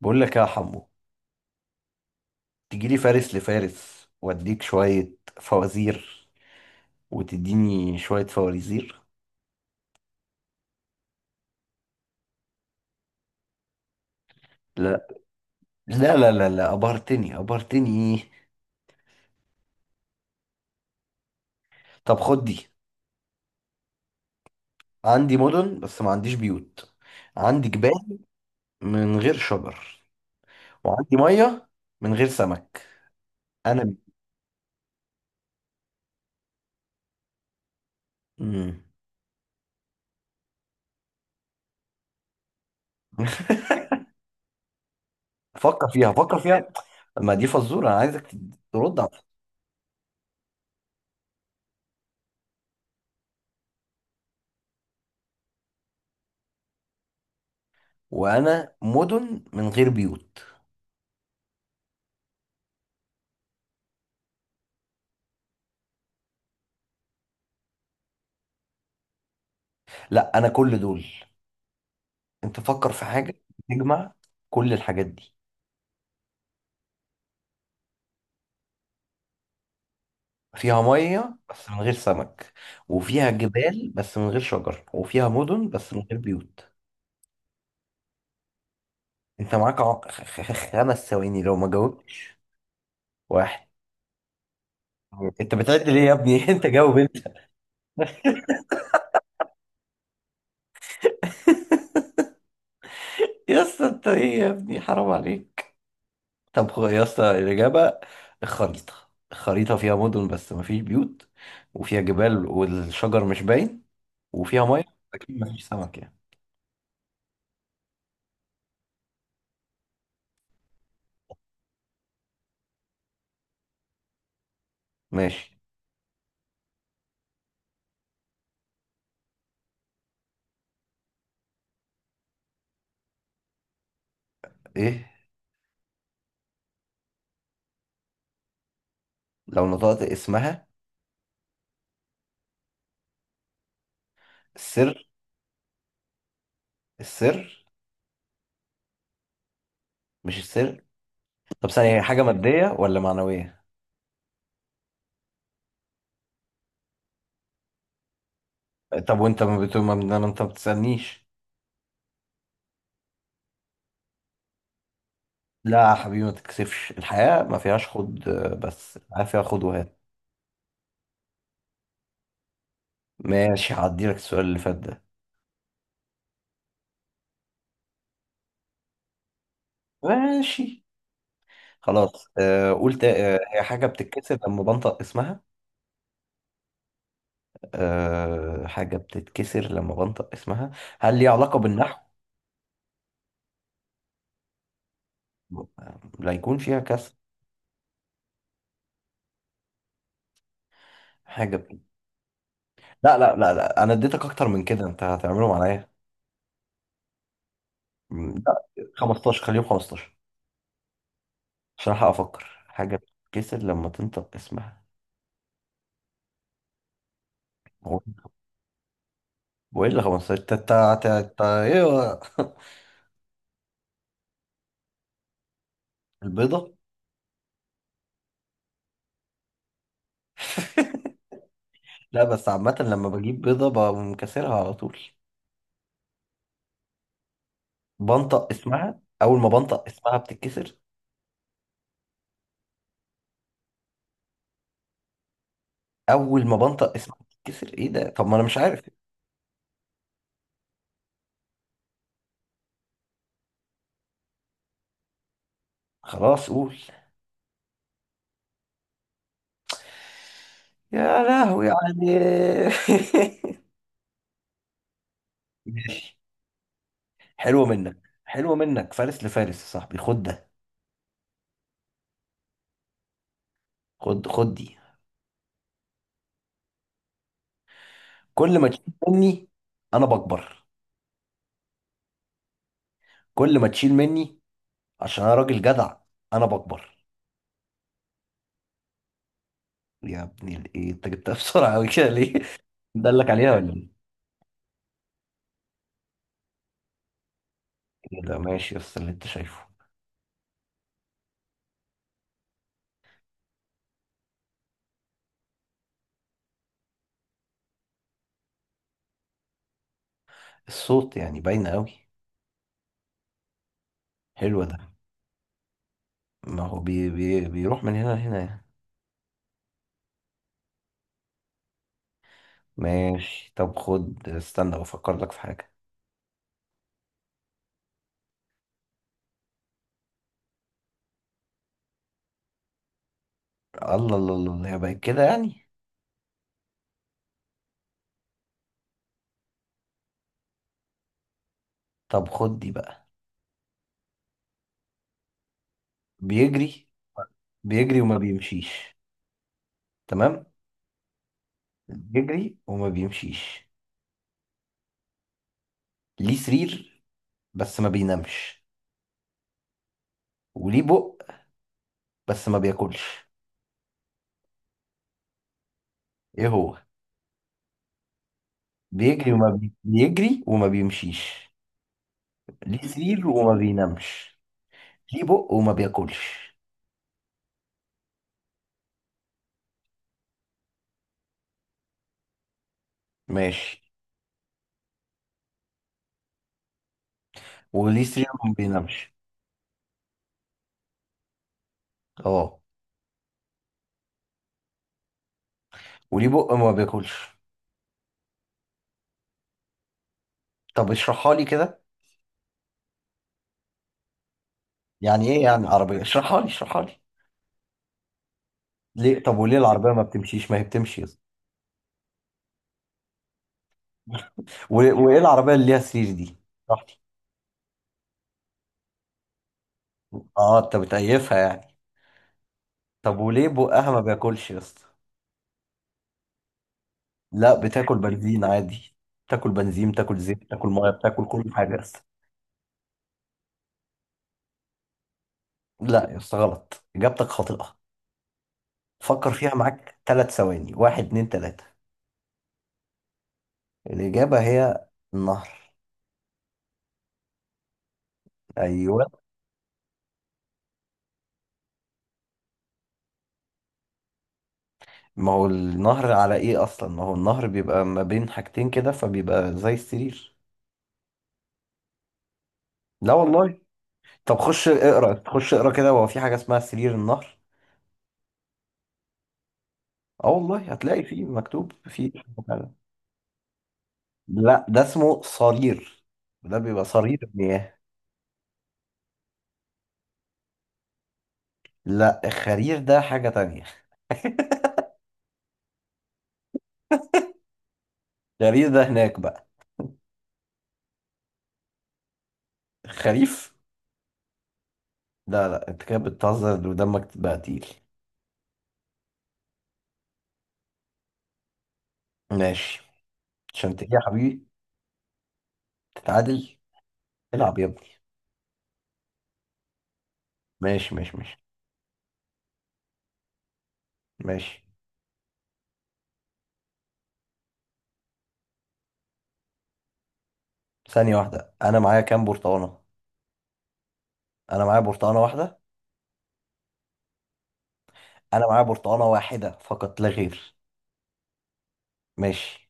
بقول لك يا حمو، تجي لي فارس لفارس واديك شوية فوازير وتديني شوية فوازير. لا لا لا لا لا، أبهرتني أبهرتني. إيه؟ طب خد دي. عندي مدن بس ما عنديش بيوت، عندي جبال من غير شجر، وعندي مية من غير سمك. أنا مين؟ مم. فكر فيها، فكر فيها. ما دي فزورة أنا عايزك ترد عليها. وأنا مدن من غير بيوت؟ لا، أنا كل دول. انت فكر في حاجة تجمع كل الحاجات دي، فيها مية بس من غير سمك، وفيها جبال بس من غير شجر، وفيها مدن بس من غير بيوت. انت معاك خمس ثواني لو ما جاوبتش. واحد. انت بتعد ليه يا ابني؟ انت جاوب انت. يا اسطى انت ايه يا ابني، حرام عليك. طب يا اسطى، الاجابه الخريطه. الخريطه فيها مدن بس ما فيش بيوت، وفيها جبال والشجر مش باين، وفيها ميه اكيد ما فيش سمك يعني. ماشي. ايه لو نطقت اسمها؟ السر. السر. مش السر؟ طب ثانية، هي حاجة مادية ولا معنوية؟ طب وانت ما بتقول انت ما بتسألنيش؟ لا يا حبيبي، ما تتكسفش، الحياة ما فيهاش خد آه، بس الحياة فيها خد وهات. ماشي، هعدي لك السؤال اللي فات ده. ماشي خلاص آه، قلت آه هي حاجة بتتكسر لما بنطق اسمها. آه حاجة بتتكسر لما بنطق اسمها. هل ليها علاقة بالنحو؟ لا يكون فيها كسر. حاجة لا لا لا لا، انا اديتك اكتر من كده، انت هتعملهم عليا. مم، لا. 15، خليهم 15 عشان ألحق افكر حاجه بتتكسر لما تنطق اسمها. هو هو ايه اللي 15 تا تا تا تا ايه هو؟ البيضه. لا بس عامه لما بجيب بيضه بقوم كاسرها على طول. بنطق اسمها، اول ما بنطق اسمها بتتكسر. اول ما بنطق اسمها بتتكسر ايه ده؟ طب ما انا مش عارف. خلاص قول. يا لهوي عليك. ماشي، حلوة منك. حلوة منك، فارس لفارس يا صاحبي، خد ده. خد خد دي. كل ما تشيل مني انا بكبر. كل ما تشيل مني، عشان انا راجل جدع، انا بكبر. يا ابني الايه انت جبتها بسرعه قوي كده ليه؟ دلك عليها ولا ايه؟ إيه ده؟ ماشي بس اللي انت شايفه. الصوت يعني باينه قوي. حلو ده. ما هو بي بي بيروح من هنا لهنا يعني. ماشي، طب خد، استنى بفكر لك في حاجه. الله الله الله الله، هي بقت كده يعني؟ طب خد دي بقى. بيجري. بيجري وما بيمشيش. تمام. بيجري وما بيمشيش. ليه سرير بس ما بينامش. وليه بق بس ما بياكلش. ايه هو؟ بيجري بيجري وما بيمشيش. ليه سرير وما بينامش. ليه بق وما بياكلش. ماشي. وليه سرير وما بينامش. اه. وليه بق وما بياكلش. طب اشرحها لي كده. يعني ايه يعني عربية، اشرحها لي، اشرحها لي. ليه؟ طب وليه العربية ما بتمشيش؟ ما هي بتمشي يا اسطى. و... وايه العربية اللي ليها سرير دي؟ براحتي. اه، انت بتقيفها يعني. طب وليه بقها ما بياكلش يا اسطى؟ لا، بتاكل بنزين عادي. بتاكل بنزين، بتاكل زيت، بتاكل ميه، بتاكل كل حاجه يا اسطى. لا يا اسطى، غلط، اجابتك خاطئه. فكر فيها، معاك ثلاث ثواني. واحد، اتنين، تلاته. الاجابه هي النهر. ايوه. ما هو النهر على ايه اصلا؟ ما هو النهر بيبقى ما بين حاجتين كده فبيبقى زي السرير. لا والله. طب خش اقرا، خش اقرا كده، هو في حاجه اسمها سرير النهر. اه والله، هتلاقي فيه مكتوب فيه. لا، ده اسمه صرير. ده بيبقى صرير المياه. لا الخريف ده حاجة تانية. الخريف ده هناك بقى. الخريف. لا لا، انت كده بتهزر ودمك بقى تقيل. ماشي، عشان تيجي يا حبيبي تتعادل. العب يا ابني. ماشي ماشي ماشي ماشي. ثانية واحدة، انا معايا كام برتقانة؟ انا معايا برتقانة واحدة. انا معايا برتقانة واحدة فقط لا غير. ماشي.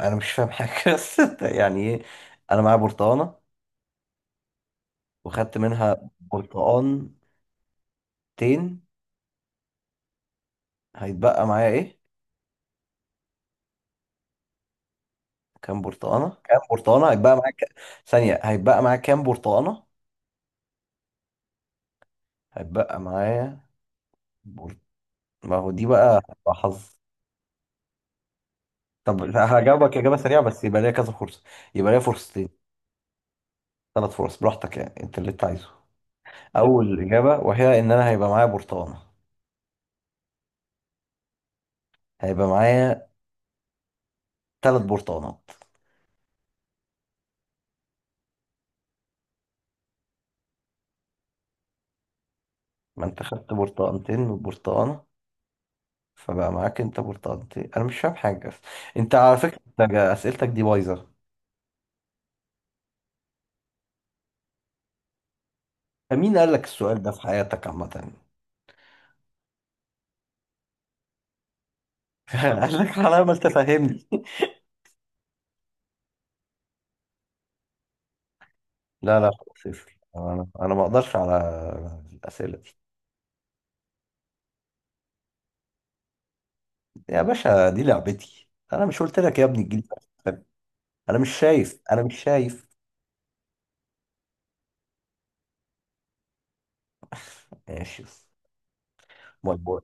انا مش فاهم حاجة بس انت يعني ايه؟ انا معايا برتقانة وخدت منها برتقانتين، هيتبقى معايا ايه؟ كام برتقانة؟ كام برتقانة هيتبقى معاك؟ ثانية، هيتبقى معاك كام برتقانة؟ هيتبقى معايا بر... ما هو دي بقى هتبقى حظ. طب هجاوبك إجابة سريعة بس يبقى ليا كذا فرصة. يبقى ليا فرصتين. ثلاث فرص، براحتك يعني أنت اللي أنت عايزه. أول إجابة، وهي إن أنا هيبقى معايا برتقانة. هيبقى معايا ثلاث برتقانات. ما أنت خدت برتقانتين من البرتقانة، فبقى معاك أنت برتقانتين، أنا مش فاهم حاجة. أنت على فكرة أنت أسئلتك دي بايظة. مين قال لك السؤال ده في حياتك عامة؟ قال لك حلاوه ما تفهمني. لا لا خلاص اقفل. انا ما اقدرش على الاسئله دي. يا باشا دي لعبتي، انا مش قلت لك يا ابني الجيل ده. انا مش شايف، انا مش شايف. ماشي. باي باي.